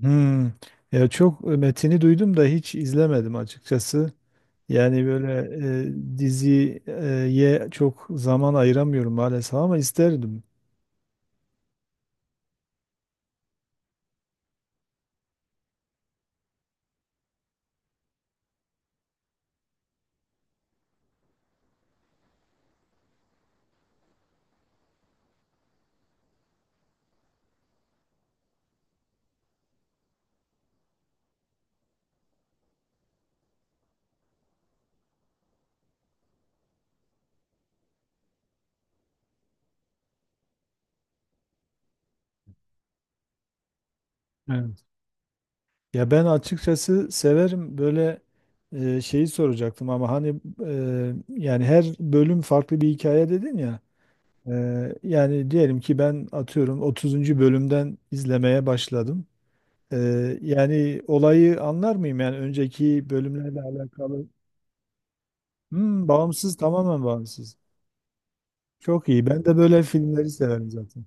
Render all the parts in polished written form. Hmm. Ya çok metini duydum da hiç izlemedim açıkçası. Yani böyle diziye çok zaman ayıramıyorum maalesef ama isterdim. Evet. Ya ben açıkçası severim böyle şeyi soracaktım ama hani yani her bölüm farklı bir hikaye dedin ya. E, Yani diyelim ki ben atıyorum 30. bölümden izlemeye başladım. E, Yani olayı anlar mıyım? Yani önceki bölümlerle alakalı. Hmm, bağımsız tamamen bağımsız. Çok iyi. Ben de böyle filmleri severim zaten.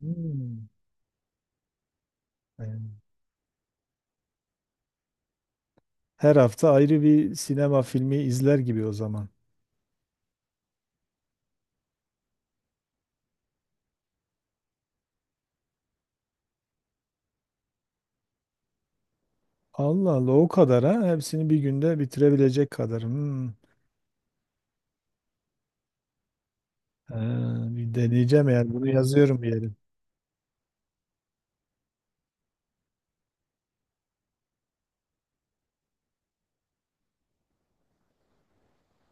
Hmm, Yani her hafta ayrı bir sinema filmi izler gibi o zaman. Allah Allah, o kadar ha. Hepsini bir günde bitirebilecek kadar. Hmm. Ha, bir deneyeceğim, yani bunu yazıyorum bir yere.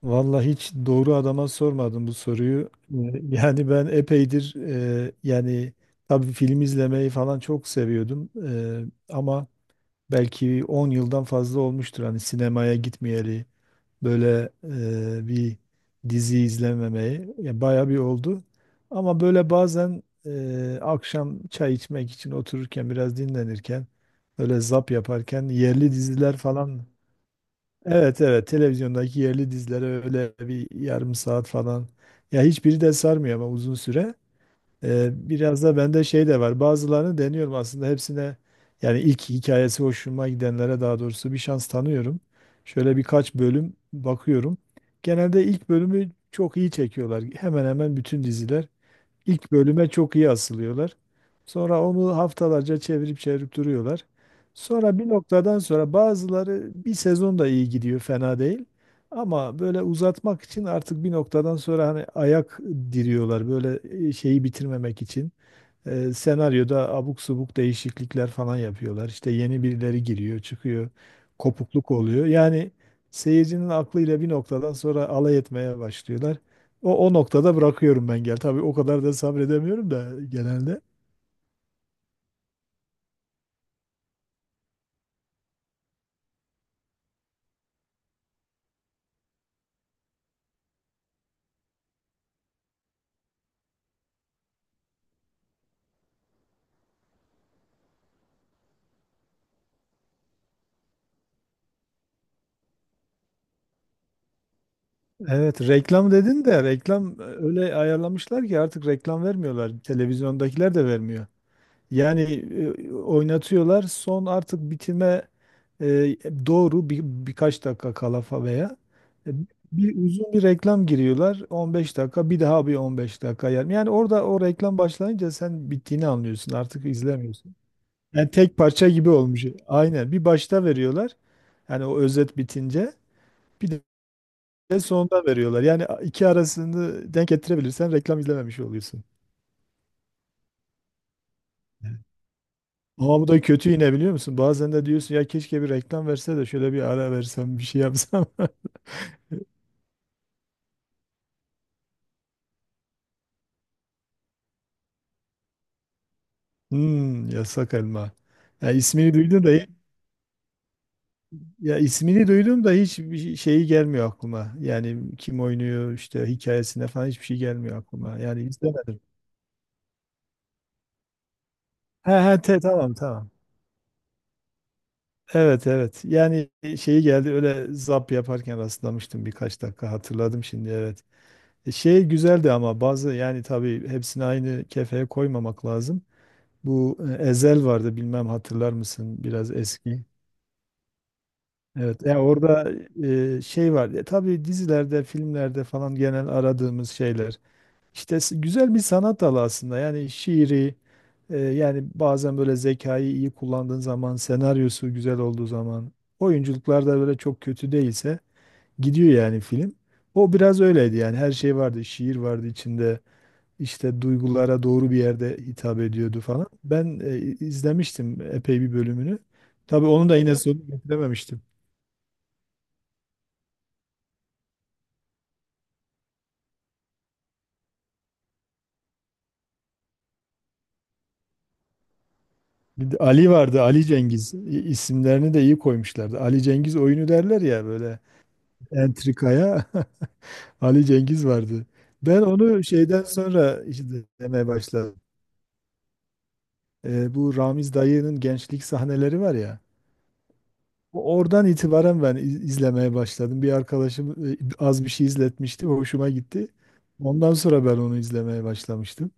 Vallahi hiç doğru adama sormadım bu soruyu. Yani ben epeydir yani tabii film izlemeyi falan çok seviyordum. Ama belki 10 yıldan fazla olmuştur hani sinemaya gitmeyeli. Böyle bir dizi izlememeyi. Ya bayağı bir oldu. Ama böyle bazen akşam çay içmek için otururken biraz dinlenirken öyle zap yaparken yerli diziler falan, evet, evet, televizyondaki yerli dizilere öyle bir yarım saat falan, ya hiçbiri de sarmıyor ama uzun süre. Biraz da bende şey de var. Bazılarını deniyorum aslında hepsine, yani ilk hikayesi hoşuma gidenlere, daha doğrusu bir şans tanıyorum. Şöyle birkaç bölüm bakıyorum. Genelde ilk bölümü çok iyi çekiyorlar. Hemen hemen bütün diziler. İlk bölüme çok iyi asılıyorlar. Sonra onu haftalarca çevirip çevirip duruyorlar. Sonra bir noktadan sonra bazıları bir sezon da iyi gidiyor, fena değil. Ama böyle uzatmak için artık bir noktadan sonra hani ayak diriyorlar böyle şeyi bitirmemek için. Senaryoda abuk subuk değişiklikler falan yapıyorlar. İşte yeni birileri giriyor, çıkıyor, kopukluk oluyor. Yani seyircinin aklıyla bir noktadan sonra alay etmeye başlıyorlar. O noktada bırakıyorum ben, gel. Tabii o kadar da sabredemiyorum da genelde. Evet, reklam dedin de reklam öyle ayarlamışlar ki artık reklam vermiyorlar. Televizyondakiler de vermiyor. Yani oynatıyorlar. Son artık bitime e, doğru birkaç dakika kala veya e, uzun bir reklam giriyorlar. 15 dakika, bir daha bir 15 dakika yani. Yani orada o reklam başlayınca sen bittiğini anlıyorsun. Artık izlemiyorsun. Yani tek parça gibi olmuş. Aynen. Bir başta veriyorlar. Yani o özet bitince bir de sonunda veriyorlar. Yani iki arasını denk getirebilirsen reklam izlememiş oluyorsun. Ama bu da kötü yine, biliyor musun? Bazen de diyorsun ya, keşke bir reklam verse de şöyle bir ara versem, bir şey yapsam. Hmm, Yasak Elma. Ya ismini duydum da Ya ismini duydum da hiç bir şey, şeyi gelmiyor aklıma. Yani kim oynuyor, işte hikayesine falan, hiçbir şey gelmiyor aklıma. Yani izlemedim. He he, tamam, tamam. Evet, evet. Yani şeyi geldi, öyle zap yaparken rastlamıştım birkaç dakika, hatırladım şimdi, evet. Şey güzeldi ama bazı, yani tabii hepsini aynı kefeye koymamak lazım. Bu Ezel vardı, bilmem hatırlar mısın, biraz eski. Evet ya, orada şey var. Tabii dizilerde, filmlerde falan genel aradığımız şeyler. İşte güzel bir sanat dalı aslında. Yani şiiri, yani bazen böyle zekayı iyi kullandığın zaman, senaryosu güzel olduğu zaman, oyunculuklar da böyle çok kötü değilse, gidiyor yani film. O biraz öyleydi, yani her şey vardı. Şiir vardı içinde, işte duygulara doğru bir yerde hitap ediyordu falan. Ben izlemiştim epey bir bölümünü. Tabii onu da yine, evet, sonunu getirememiştim. Bir de Ali vardı, Ali Cengiz. İsimlerini de iyi koymuşlardı. Ali Cengiz oyunu derler ya böyle entrikaya. Ali Cengiz vardı. Ben onu şeyden sonra işte demeye başladım. Bu Ramiz dayının gençlik sahneleri var ya. Oradan itibaren ben izlemeye başladım. Bir arkadaşım az bir şey izletmişti, hoşuma gitti. Ondan sonra ben onu izlemeye başlamıştım.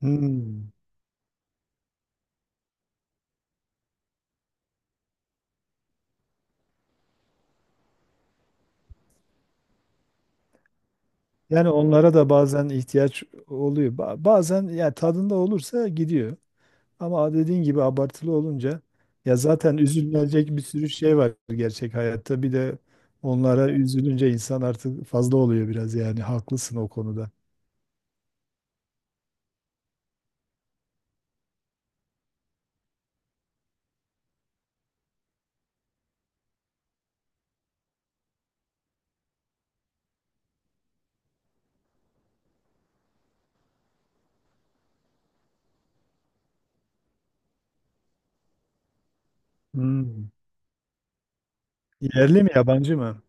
Hmm. Yani onlara da bazen ihtiyaç oluyor. Bazen, ya tadında olursa gidiyor. Ama dediğin gibi abartılı olunca, ya zaten üzülünecek bir sürü şey var gerçek hayatta. Bir de onlara üzülünce insan artık fazla oluyor biraz, yani haklısın o konuda. Hmm. Yerli mi, yabancı mı?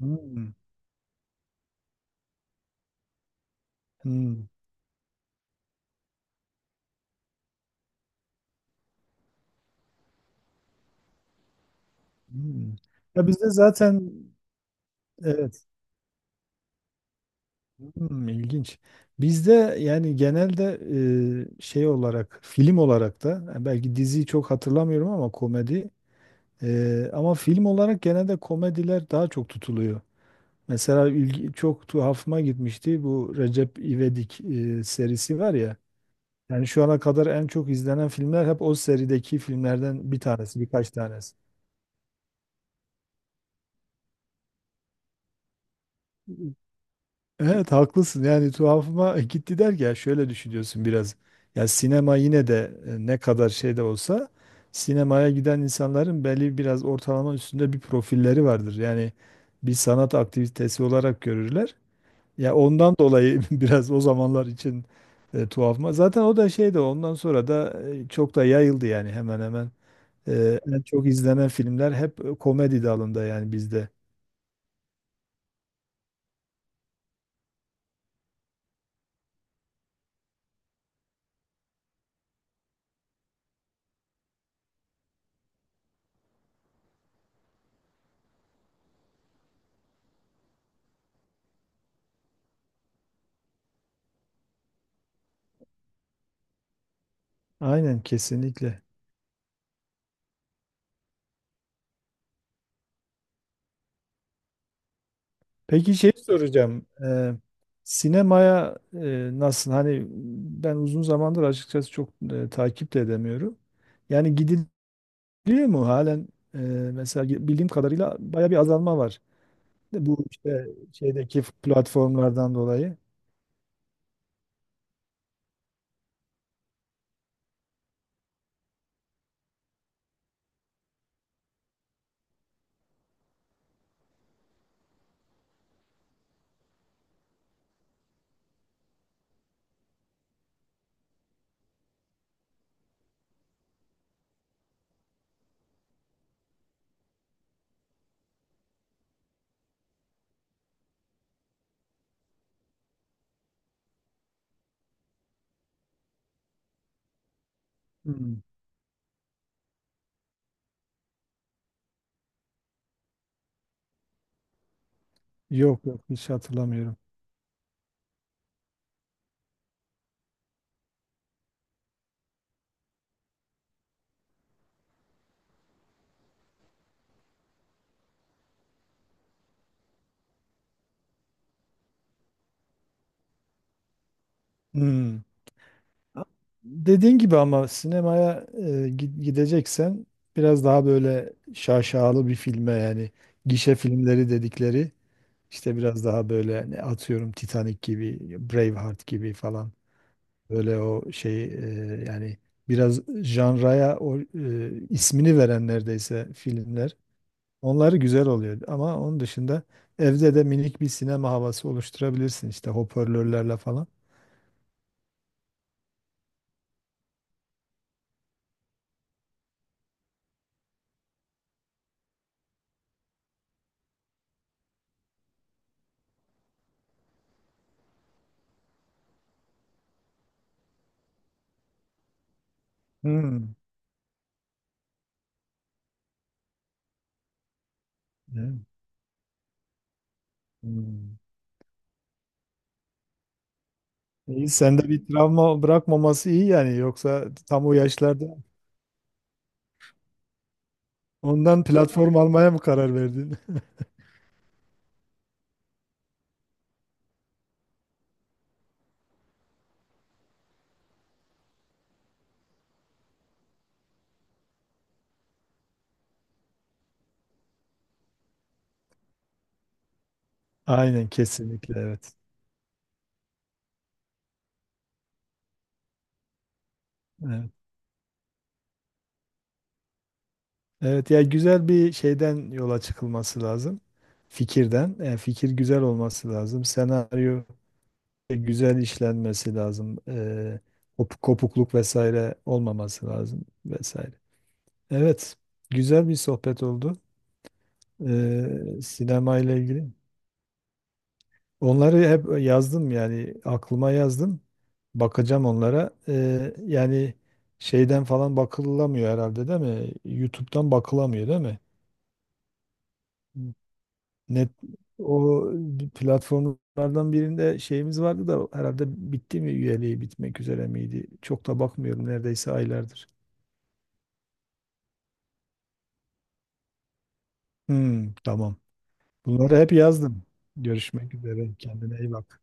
Hmm. Hmm. Hmm. Ya bizde zaten, evet. İlginç. Bizde yani genelde şey olarak, film olarak da, yani belki diziyi çok hatırlamıyorum ama komedi, ama film olarak genelde komediler daha çok tutuluyor. Mesela çok tuhafıma gitmişti bu Recep İvedik serisi var ya. Yani şu ana kadar en çok izlenen filmler hep o serideki filmlerden bir tanesi, birkaç tanesi. Evet haklısın, yani tuhafıma gitti der ki, ya şöyle düşünüyorsun biraz. Ya sinema yine de, ne kadar şey de olsa, sinemaya giden insanların belli biraz ortalama üstünde bir profilleri vardır. Yani bir sanat aktivitesi olarak görürler. Ya ondan dolayı biraz o zamanlar için tuhafıma. Zaten o da şey de ondan sonra da çok da yayıldı yani, hemen hemen. En çok izlenen filmler hep komedi dalında yani bizde. Aynen kesinlikle. Peki, şey soracağım. Sinemaya nasıl? Hani ben uzun zamandır açıkçası çok takip de edemiyorum. Yani gidiliyor mu halen? E, Mesela bildiğim kadarıyla baya bir azalma var. De, bu işte şeydeki platformlardan dolayı. Hmm. Yok, yok, hiç hatırlamıyorum. Hmm. Dediğin gibi, ama sinemaya gideceksen biraz daha böyle şaşalı bir filme yani, gişe filmleri dedikleri. İşte biraz daha böyle, ne atıyorum, Titanic gibi, Braveheart gibi falan. Böyle o şey, yani biraz janraya o ismini veren neredeyse filmler. Onları güzel oluyor ama onun dışında evde de minik bir sinema havası oluşturabilirsin işte hoparlörlerle falan. Hmm. Evet. Hmm. İyi, sende bir travma bırakmaması iyi yani, yoksa tam o yaşlarda ondan platform almaya mı karar verdin? Aynen kesinlikle, evet. Evet. Evet ya, güzel bir şeyden yola çıkılması lazım. Fikirden. Yani fikir güzel olması lazım. Senaryo güzel işlenmesi lazım. Kopukluk vesaire olmaması lazım vesaire. Evet. Güzel bir sohbet oldu. Sinema ile ilgili. Onları hep yazdım, yani aklıma yazdım. Bakacağım onlara. Yani şeyden falan bakılamıyor herhalde, değil mi? YouTube'dan bakılamıyor değil mi? Net O platformlardan birinde şeyimiz vardı da, herhalde bitti mi, üyeliği bitmek üzere miydi? Çok da bakmıyorum neredeyse aylardır. Hmm, tamam. Bunları hep yazdım. Görüşmek üzere. Kendine iyi bak.